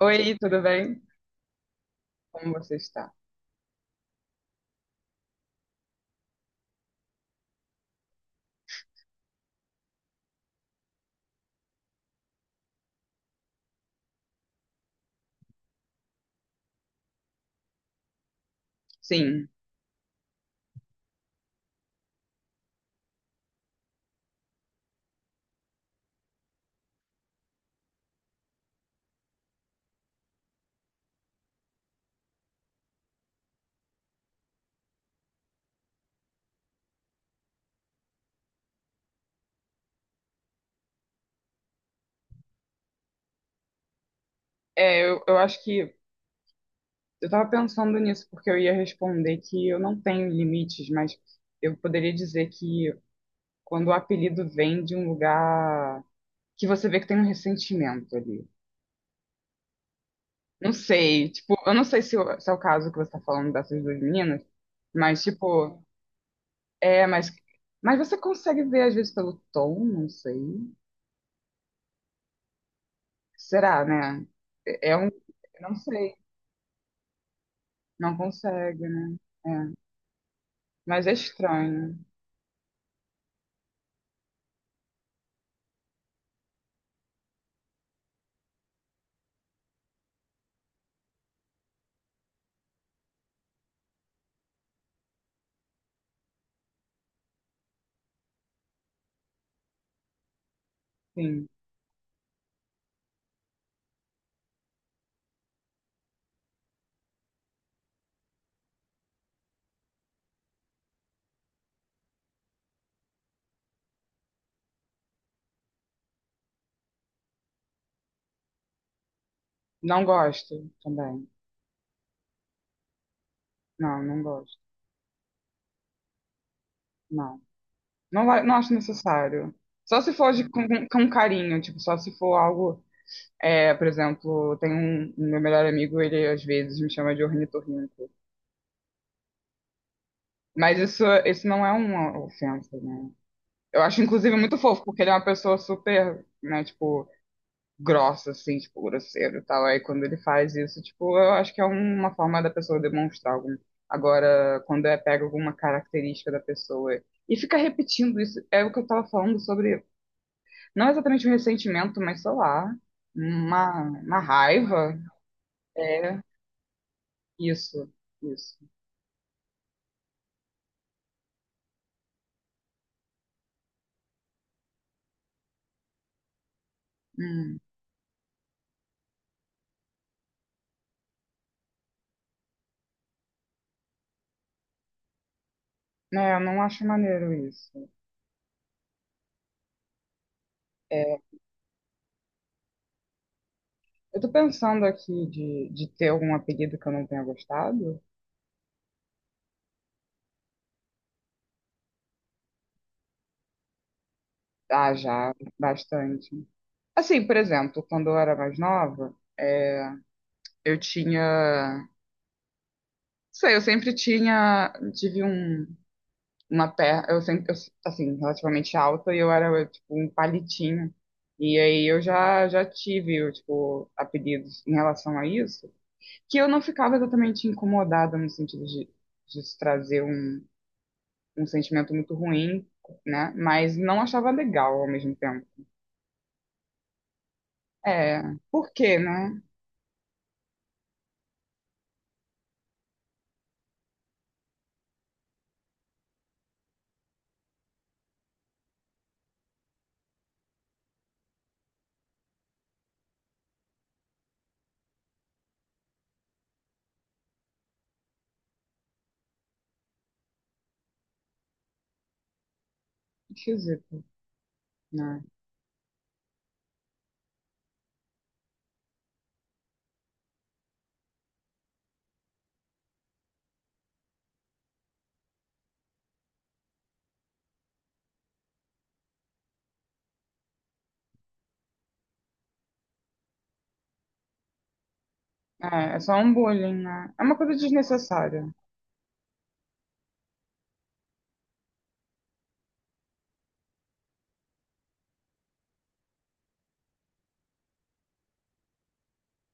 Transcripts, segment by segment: Oi, tudo bem? Como você está? Sim, é, eu acho que eu estava pensando nisso porque eu ia responder que eu não tenho limites, mas eu poderia dizer que quando o apelido vem de um lugar que você vê que tem um ressentimento ali. Não sei, tipo, eu não sei se, se é o caso que você está falando dessas duas meninas, mas tipo, é, mas você consegue ver às vezes pelo tom, não sei. Será, né? É um, eu não sei, não consegue, né? É. Mas é estranho, sim. Não gosto também. Não, não gosto. Não. Não, não acho necessário. Só se for com carinho, tipo, só se for algo. É, por exemplo, tem um meu melhor amigo, ele às vezes me chama de ornitorrinco. Mas isso não é uma ofensa, né? Eu acho, inclusive, muito fofo, porque ele é uma pessoa super, né, tipo, grossa, assim, tipo, grosseiro e tal. Aí quando ele faz isso, tipo, eu acho que é uma forma da pessoa demonstrar algum. Agora, quando é pega alguma característica da pessoa e fica repetindo isso, é o que eu tava falando sobre, não exatamente um ressentimento, mas sei lá, uma raiva. É isso, isso. Hum. É, eu não acho maneiro isso. É, eu tô pensando aqui de ter algum apelido que eu não tenha gostado. Ah, já, bastante. Assim, por exemplo, quando eu era mais nova, é, eu tinha. Não sei, eu sempre tinha. Tive uma perna. Eu sempre, eu, assim, relativamente alta e eu era, tipo, um palitinho. E aí eu já tive, eu, tipo, apelidos em relação a isso, que eu não ficava exatamente incomodada no sentido de isso trazer um sentimento muito ruim, né? Mas não achava legal ao mesmo tempo. É, por quê, né? Esquisito, né? É só um bullying, né? É uma coisa desnecessária.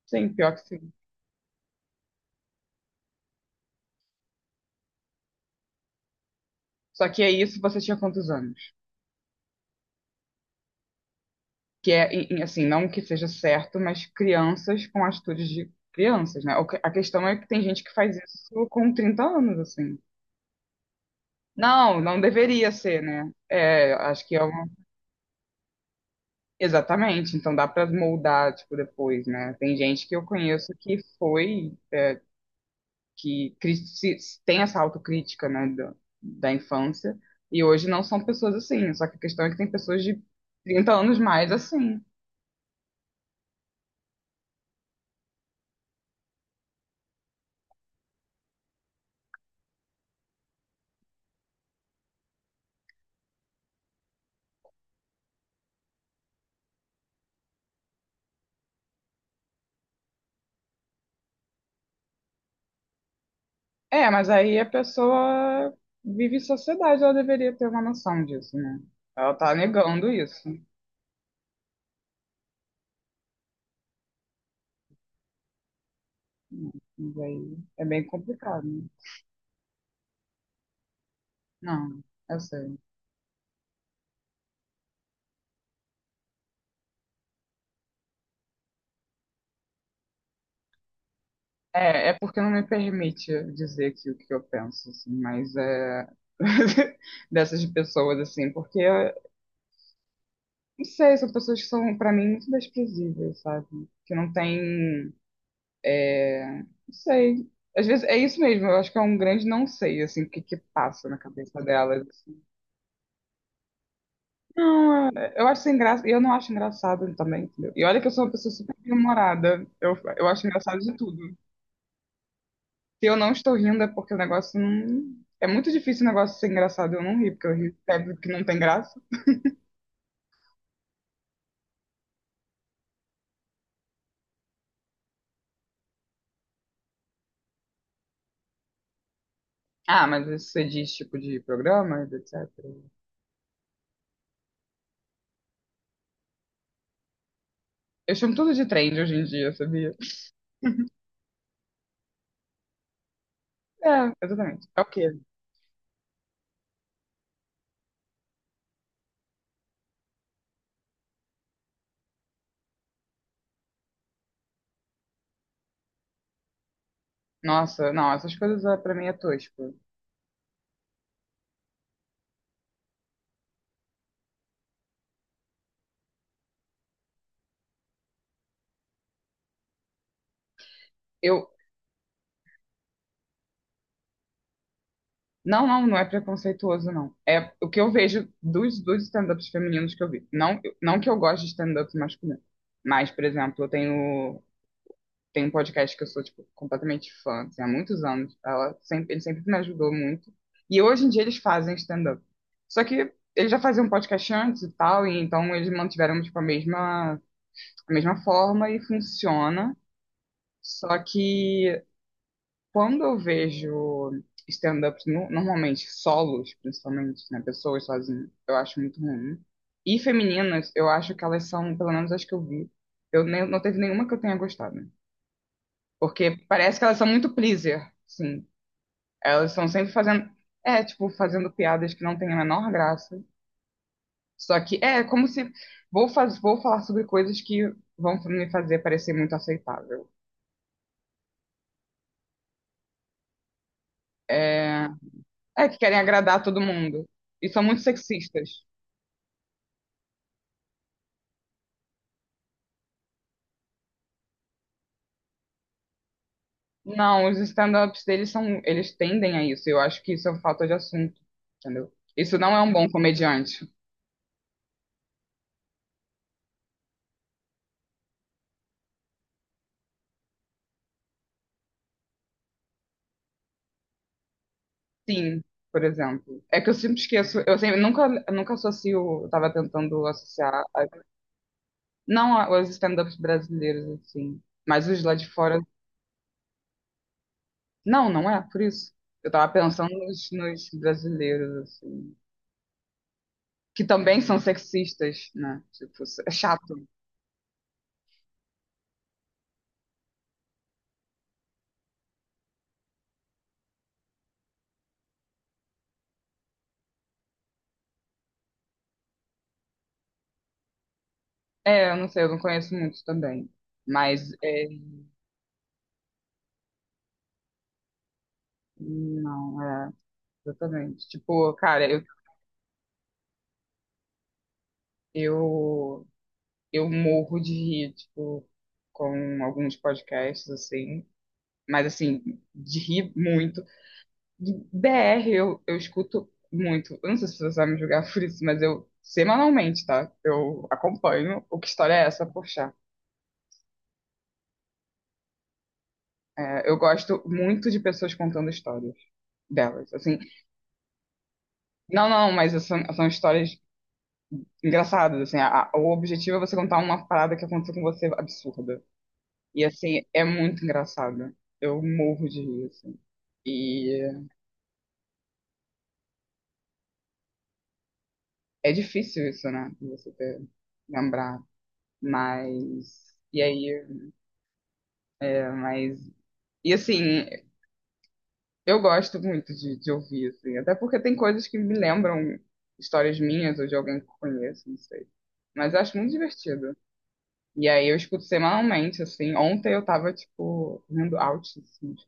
Sim, pior que sim. Só que é isso, você tinha quantos anos? Que é, e, assim, não que seja certo, mas crianças com atitudes de crianças, né? O A questão é que tem gente que faz isso com 30 anos, assim. Não, não deveria ser, né? É, acho que é uma... Exatamente, então dá pra moldar, tipo, depois, né? Tem gente que eu conheço que foi que tem essa autocrítica, né, da infância, e hoje não são pessoas assim. Só que a questão é que tem pessoas de 30 anos mais assim. É, mas aí a pessoa vive em sociedade, ela deveria ter uma noção disso, né? Ela tá negando isso. Mas aí é bem complicado, né? Não, eu sei. É, é porque não me permite dizer aqui o que eu penso, assim, mas é dessas pessoas, assim, porque não sei, são pessoas que são, pra mim, muito desprezíveis, sabe? Que não tem. Não sei. Às vezes é isso mesmo, eu acho que é um grande não sei, assim, o que que passa na cabeça delas, assim. Não, eu acho sem graça, e eu não acho engraçado também, entendeu? E olha que eu sou uma pessoa super humorada, eu acho engraçado de tudo. Se eu não estou rindo é porque o negócio não. É muito difícil o negócio ser engraçado, e eu não ri, porque eu rio sempre que não tem graça. Ah, mas isso você diz tipo de programas, etc. Eu chamo tudo de trend hoje em dia, sabia? É, exatamente. É o quê? Nossa, não, essas coisas é, pra mim é tosco. Eu, não, não, não é preconceituoso, não. É o que eu vejo dos stand-ups femininos que eu vi. Não, não que eu goste de stand-up masculino. Mas, por exemplo, eu tenho um podcast que eu sou, tipo, completamente fã, assim, há muitos anos. Ela sempre, ele sempre me ajudou muito. E hoje em dia eles fazem stand-up. Só que eles já faziam podcast antes e tal, e então eles mantiveram, tipo, a mesma forma e funciona. Só que quando eu vejo stand-ups, normalmente solos, principalmente, né, pessoas sozinhas, eu acho muito ruim. E femininas, eu acho que elas são, pelo menos as que eu vi, eu nem, não teve nenhuma que eu tenha gostado. Porque parece que elas são muito pleaser, sim. Elas estão sempre fazendo, é, tipo, fazendo piadas que não têm a menor graça. Só que é como se vou faz, vou falar sobre coisas que vão me fazer parecer muito aceitável. É, é que querem agradar todo mundo. E são muito sexistas. Não, os stand-ups deles são, eles tendem a isso. Eu acho que isso é falta de assunto, entendeu? Isso não é um bom comediante. Sim, por exemplo. É que eu sempre esqueço, eu sempre nunca associo, eu tava tentando associar, não os stand-ups brasileiros assim, mas os lá de fora. Não, não é por isso. Eu tava pensando nos brasileiros assim, que também são sexistas, né? Tipo, é chato. É, eu não sei, eu não conheço muitos também, mas é, não, é. Exatamente. Tipo, cara, eu, eu, eu morro de rir, tipo, com alguns podcasts, assim. Mas, assim, de rir muito. De BR eu, escuto muito. Eu não sei se você vai me julgar por isso, mas eu, semanalmente, tá? Eu acompanho o que história é essa, poxa. É, eu gosto muito de pessoas contando histórias delas, assim. Não, não, mas são, histórias engraçadas, assim. O objetivo é você contar uma parada que aconteceu com você absurda. E assim, é muito engraçado. Eu morro de rir, assim. E é difícil isso, né? De você ter, lembrar. Mas. E aí. É, mas. E assim, eu gosto muito de ouvir, assim. Até porque tem coisas que me lembram histórias minhas ou de alguém que eu conheço, não sei. Mas eu acho muito divertido. E aí eu escuto semanalmente, assim. Ontem eu tava, tipo, rindo alto, assim, tipo.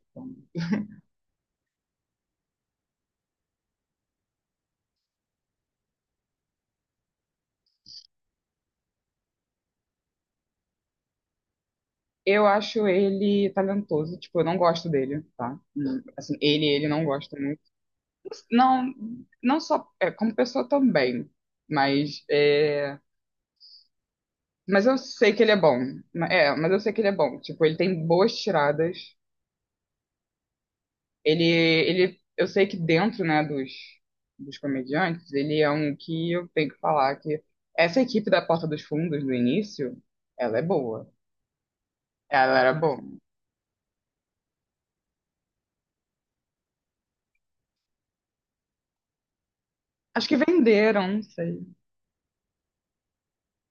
Eu acho ele talentoso, tipo, eu não gosto dele, tá? Assim, ele não gosta muito. Não, não só é, como pessoa também, mas é, mas eu sei que ele é bom. É, mas eu sei que ele é bom. Tipo, ele tem boas tiradas. Ele, eu sei que dentro, né, dos comediantes, ele é um que eu tenho que falar que essa equipe da Porta dos Fundos do início, ela é boa. Ela era boa. Acho que venderam, não sei.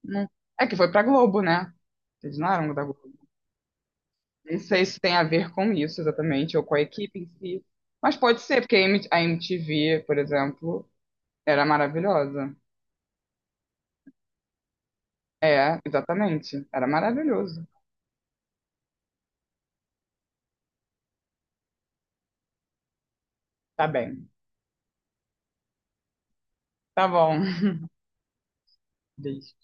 Não- É que foi pra Globo, né? Eles não eram da Globo. Nem sei se tem a ver com isso exatamente, ou com a equipe em si. Mas pode ser, porque a MTV, por exemplo, era maravilhosa. É, exatamente. Era maravilhoso. Tá bem. Tá bom. Beijo.